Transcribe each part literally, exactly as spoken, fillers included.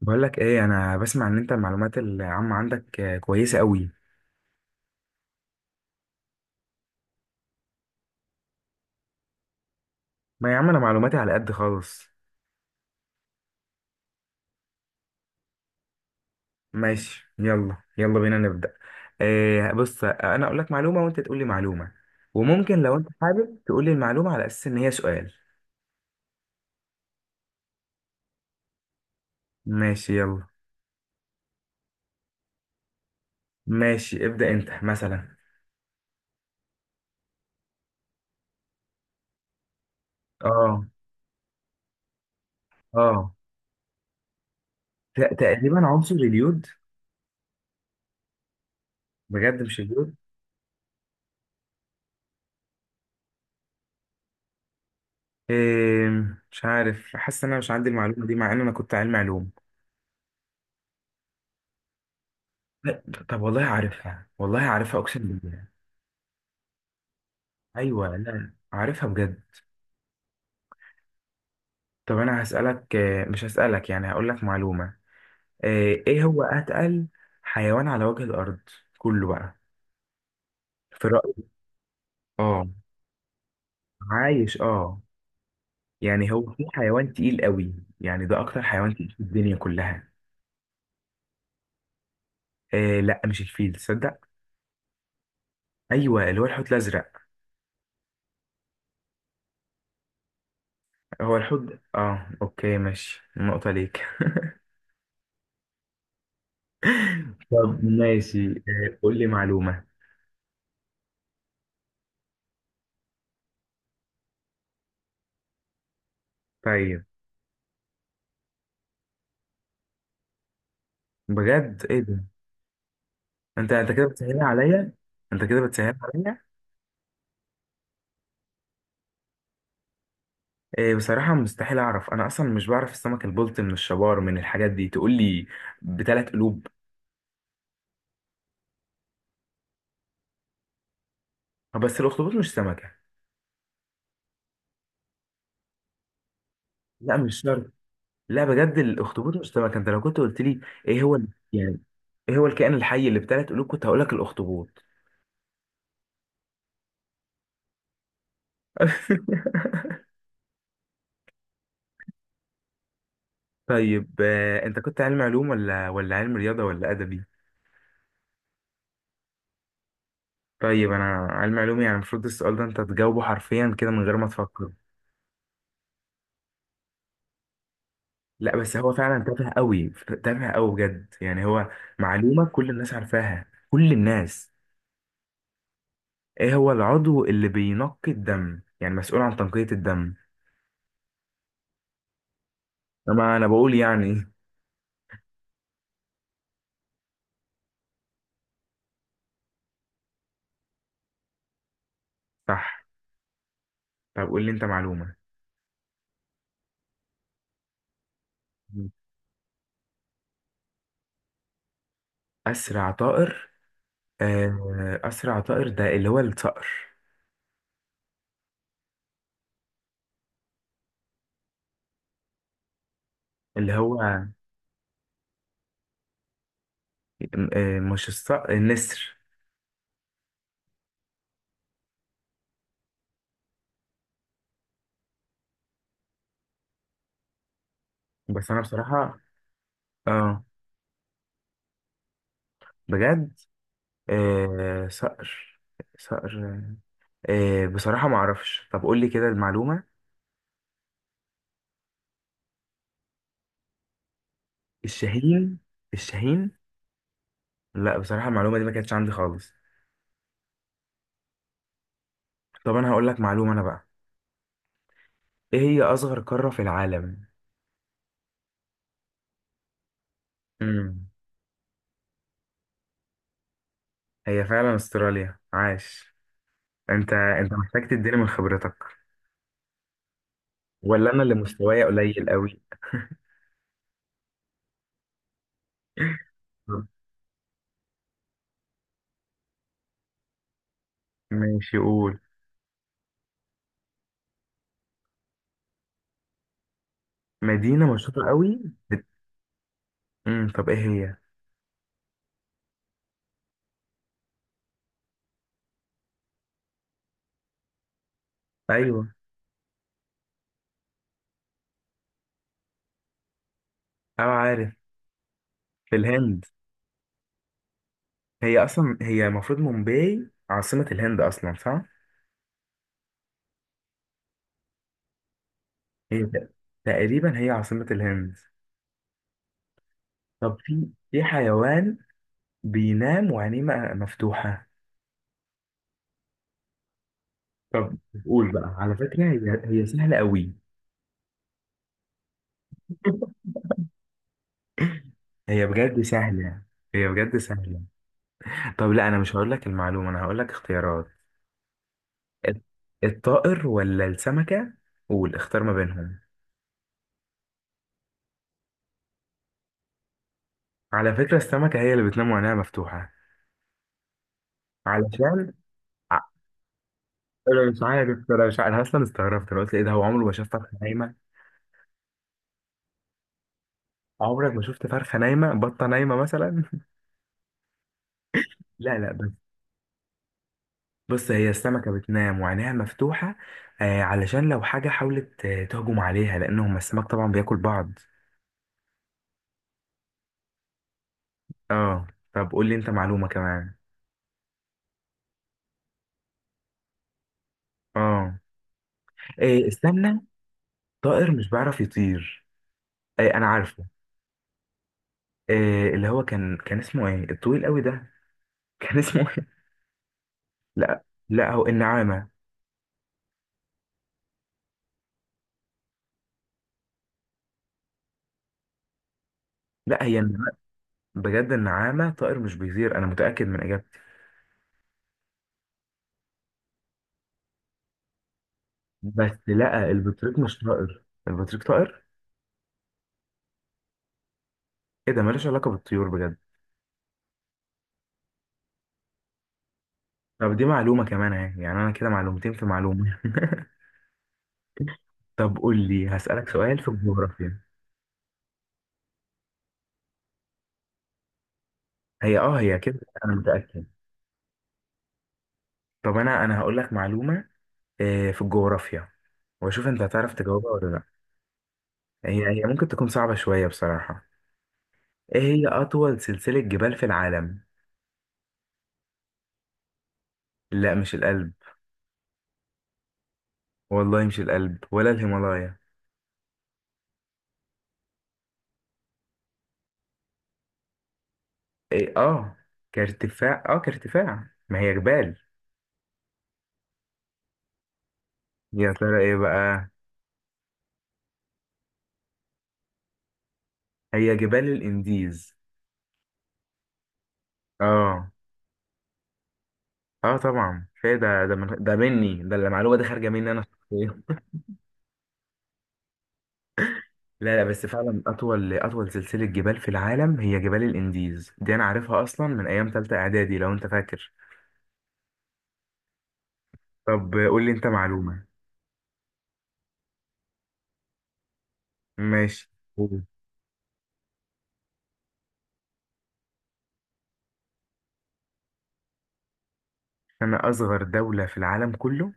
بقول لك ايه؟ انا بسمع ان انت المعلومات العامة عندك آه، كويسة قوي. ما يا عم انا معلوماتي على قد خالص. ماشي، يلا يلا بينا نبدأ. إيه، بص انا اقول لك معلومة وانت تقول لي معلومة، وممكن لو انت حابب تقول لي المعلومة على اساس ان هي سؤال. ماشي، يلا. ماشي ابدأ انت مثلا. اه اه، ت- تقريبا عنصر اليود. بجد مش اليود؟ إيه، مش عارف، حاسس ان انا مش عندي المعلومة دي مع ان انا كنت علمي علوم. لا، طب والله عارفها، والله عارفها، اقسم بالله. ايوه لا، عارفها بجد. طب انا هسألك، آه، مش هسألك يعني، هقول لك معلومة. آه، ايه هو اتقل حيوان على وجه الارض كله بقى في رأيك؟ اه عايش اه. يعني هو في حيوان تقيل قوي؟ يعني ده اكتر حيوان تقيل في الدنيا كلها. آه لا، مش الفيل، تصدق؟ ايوه، اللي هو الحوت الازرق. هو الحوت اه، اوكي ماشي، نقطة ليك. طب ماشي، آه، قول لي معلومة. طيب. بجد، ايه ده؟ انت انت كده بتسهل عليا. انت كده بتسهل عليا. إيه بصراحه مستحيل اعرف، انا اصلا مش بعرف السمك البلطي من الشبار من الحاجات دي تقول لي بثلاث قلوب؟ بس الاخطبوط مش سمكه. لا مش شرط. لا بجد الاخطبوط مش سمكه، انت لو كنت قلت لي: ايه هو ال- يعني ايه هو الكائن الحي اللي بثلاث قلوب، كنت هقول لك الاخطبوط. طيب، آه، انت كنت علم علوم ولا ولا علم رياضه ولا ادبي؟ طيب انا. علم علوم يعني المفروض السؤال ده انت تجاوبه حرفيا كده من غير ما تفكر. لا بس هو فعلا تافه قوي، تافه قوي بجد يعني هو. معلومة كل الناس عارفاها، كل الناس. ايه هو العضو اللي بينقي الدم، يعني مسؤول عن تنقية الدم؟ طبعا انا بقول يعني إيه؟ صح. طب قول لي انت معلومة. اسرع طائر. آه، اسرع طائر ده اللي هو الصقر. اللي هو آه، مش الصقر، النسر؟ بس انا بصراحة. اه. بجد. آه، صقر. صقر. آه، بصراحة ما اعرفش، طب قول لي كده المعلومة. الشاهين. الشاهين. لا بصراحة المعلومة دي ما كانتش عندي خالص. طب انا هقول لك معلومة انا بقى. ايه هي اصغر قارة في العالم؟ امم هي فعلا استراليا، عاش. انت انت محتاج تديني من خبرتك. ولا انا اللي مستواي قليل قوي. طب ماشي، قول. مدينة مشهورة قوي. بت... مم. طب ايه هي؟ ايوه، اه عارف. في الهند. هي اصلا هي المفروض مومباي عاصمة الهند اصلا، صح؟ هي ت- تقريبا هي عاصمة الهند. طب في في حيوان بينام وعينيه م- مفتوحة. طب قول بقى، على فكرة هي هي سهلة قوي. هي بجد سهلة. هي بجد سهلة. طب لا، أنا مش هقول لك المعلومة، أنا هقول لك اختيارات. الط- الطائر ولا السمكة؟ قول، اختار ما بينهم. على فكرة السمكة هي اللي بتنام وعينيها مفتوحة. علشان ع- أنا مش عارف أنا مش عارف. أنا أصلا استغربت، أنا قلت إيه ده، هو عمره ما شاف فرخة نايمة؟ عمرك ما شفت فرخة نايمة، بطة نايمة مثلا؟ لا لا. بص هي السمكة بتنام وعينيها مفتوحة، آه علشان لو حاجة حاولت آه تهجم عليها، لأنهم السمك طبعا بياكل بعض. اه. طب قول لي انت معلومة كمان. اه. إيه، استنى. طائر مش بيعرف يطير؟ إيه انا عارفه. إيه اللي هو كان كان اسمه ايه الطويل قوي ده؟ كان اسمه ايه؟ لا لا، هو النعامة. لا هي النعامة. بجد النعامة طائر مش بيطير، انا متأكد من اجابتي. بس لا، البطريق مش طائر، البطريق طائر. ايه ده، ملوش علاقة بالطيور بجد. طب دي معلومة كمان اهي، يعني انا كده معلومتين في معلومة. طب قول لي، هسألك سؤال في الجغرافيا. هي اه هي كده. انا متأكد. طب انا انا هقول لك معلومة، آه، في الجغرافيا، واشوف انت هتعرف تجاوبها ولا لا. هي هي ممكن تكون صعبة شوية بصراحة. ايه هي اطول سلسلة جبال في العالم؟ لا مش الألب. والله مش الألب ولا الهيمالايا. إيه اه، كارتفاع اه كارتفاع، ما هي جبال. يا ترى ايه بقى؟ هي جبال الانديز. اه. اه طبعا، فايه ده ده من ده، مني ده، المعلومه دي خارجه مني انا شخصيا. لا لا، بس فعلا اطول اطول سلسله جبال في العالم هي جبال الانديز، دي انا عارفها اصلا من ايام تالتة اعدادي لو انت فاكر. طب قول لي انت معلومه. ماشي قول. انا اصغر دوله في العالم كله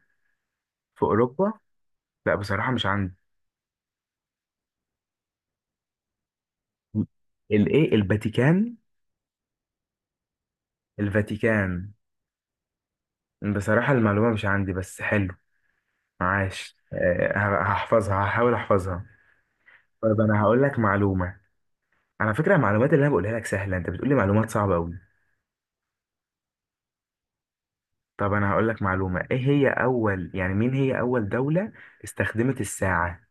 في اوروبا؟ لا بصراحه مش عندي. الايه، الفاتيكان؟ الفاتيكان. بصراحه المعلومه مش عندي بس حلو. معاش، آه، هحفظها هحاول احفظها. طيب انا هقول لك معلومه. على فكرة المعلومات اللي انا بقولها لك سهلة، انت بتقولي معلومات صعبة قوي. طب انا هقول لك معلومة. ايه هي اول، يعني مين هي اول دولة استخدمت الساعة؟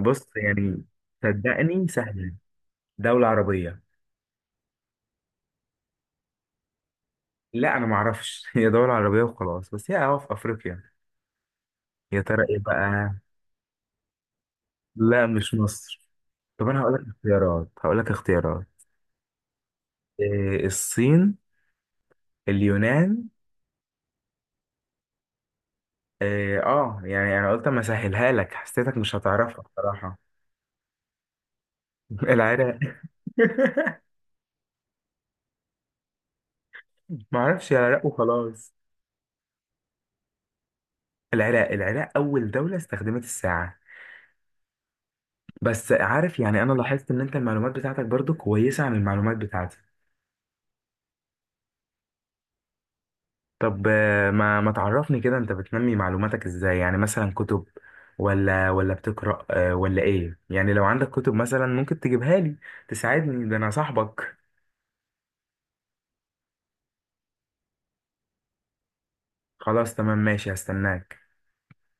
بص يعني، صدقني سهلة. دولة عربية. لا انا معرفش. هي دولة عربية وخلاص، بس هي اه في افريقيا. يا ترى ايه بقى؟ لا مش مصر. طب انا هقول لك اختيارات، هقول لك اختيارات إيه الصين، اليونان. إيه اه، يعني انا قلت اما اسهلها لك، حسيتك مش هتعرفها بصراحة. العراق. ما اعرفش، العراق وخلاص. العراق، العراق اول دولة استخدمت الساعة. بس عارف يعني، انا لاحظت ان انت المعلومات بتاعتك برضو كويسة عن المعلومات بتاعتي. طب آه، ما ما تعرفني كده انت بتنمي معلوماتك ازاي؟ يعني مثلا كتب، ولا ولا بتقرأ، آه، ولا ايه يعني، لو عندك كتب مثلا ممكن تجيبها لي تساعدني، ده انا صاحبك. خلاص تمام، ماشي هستناك.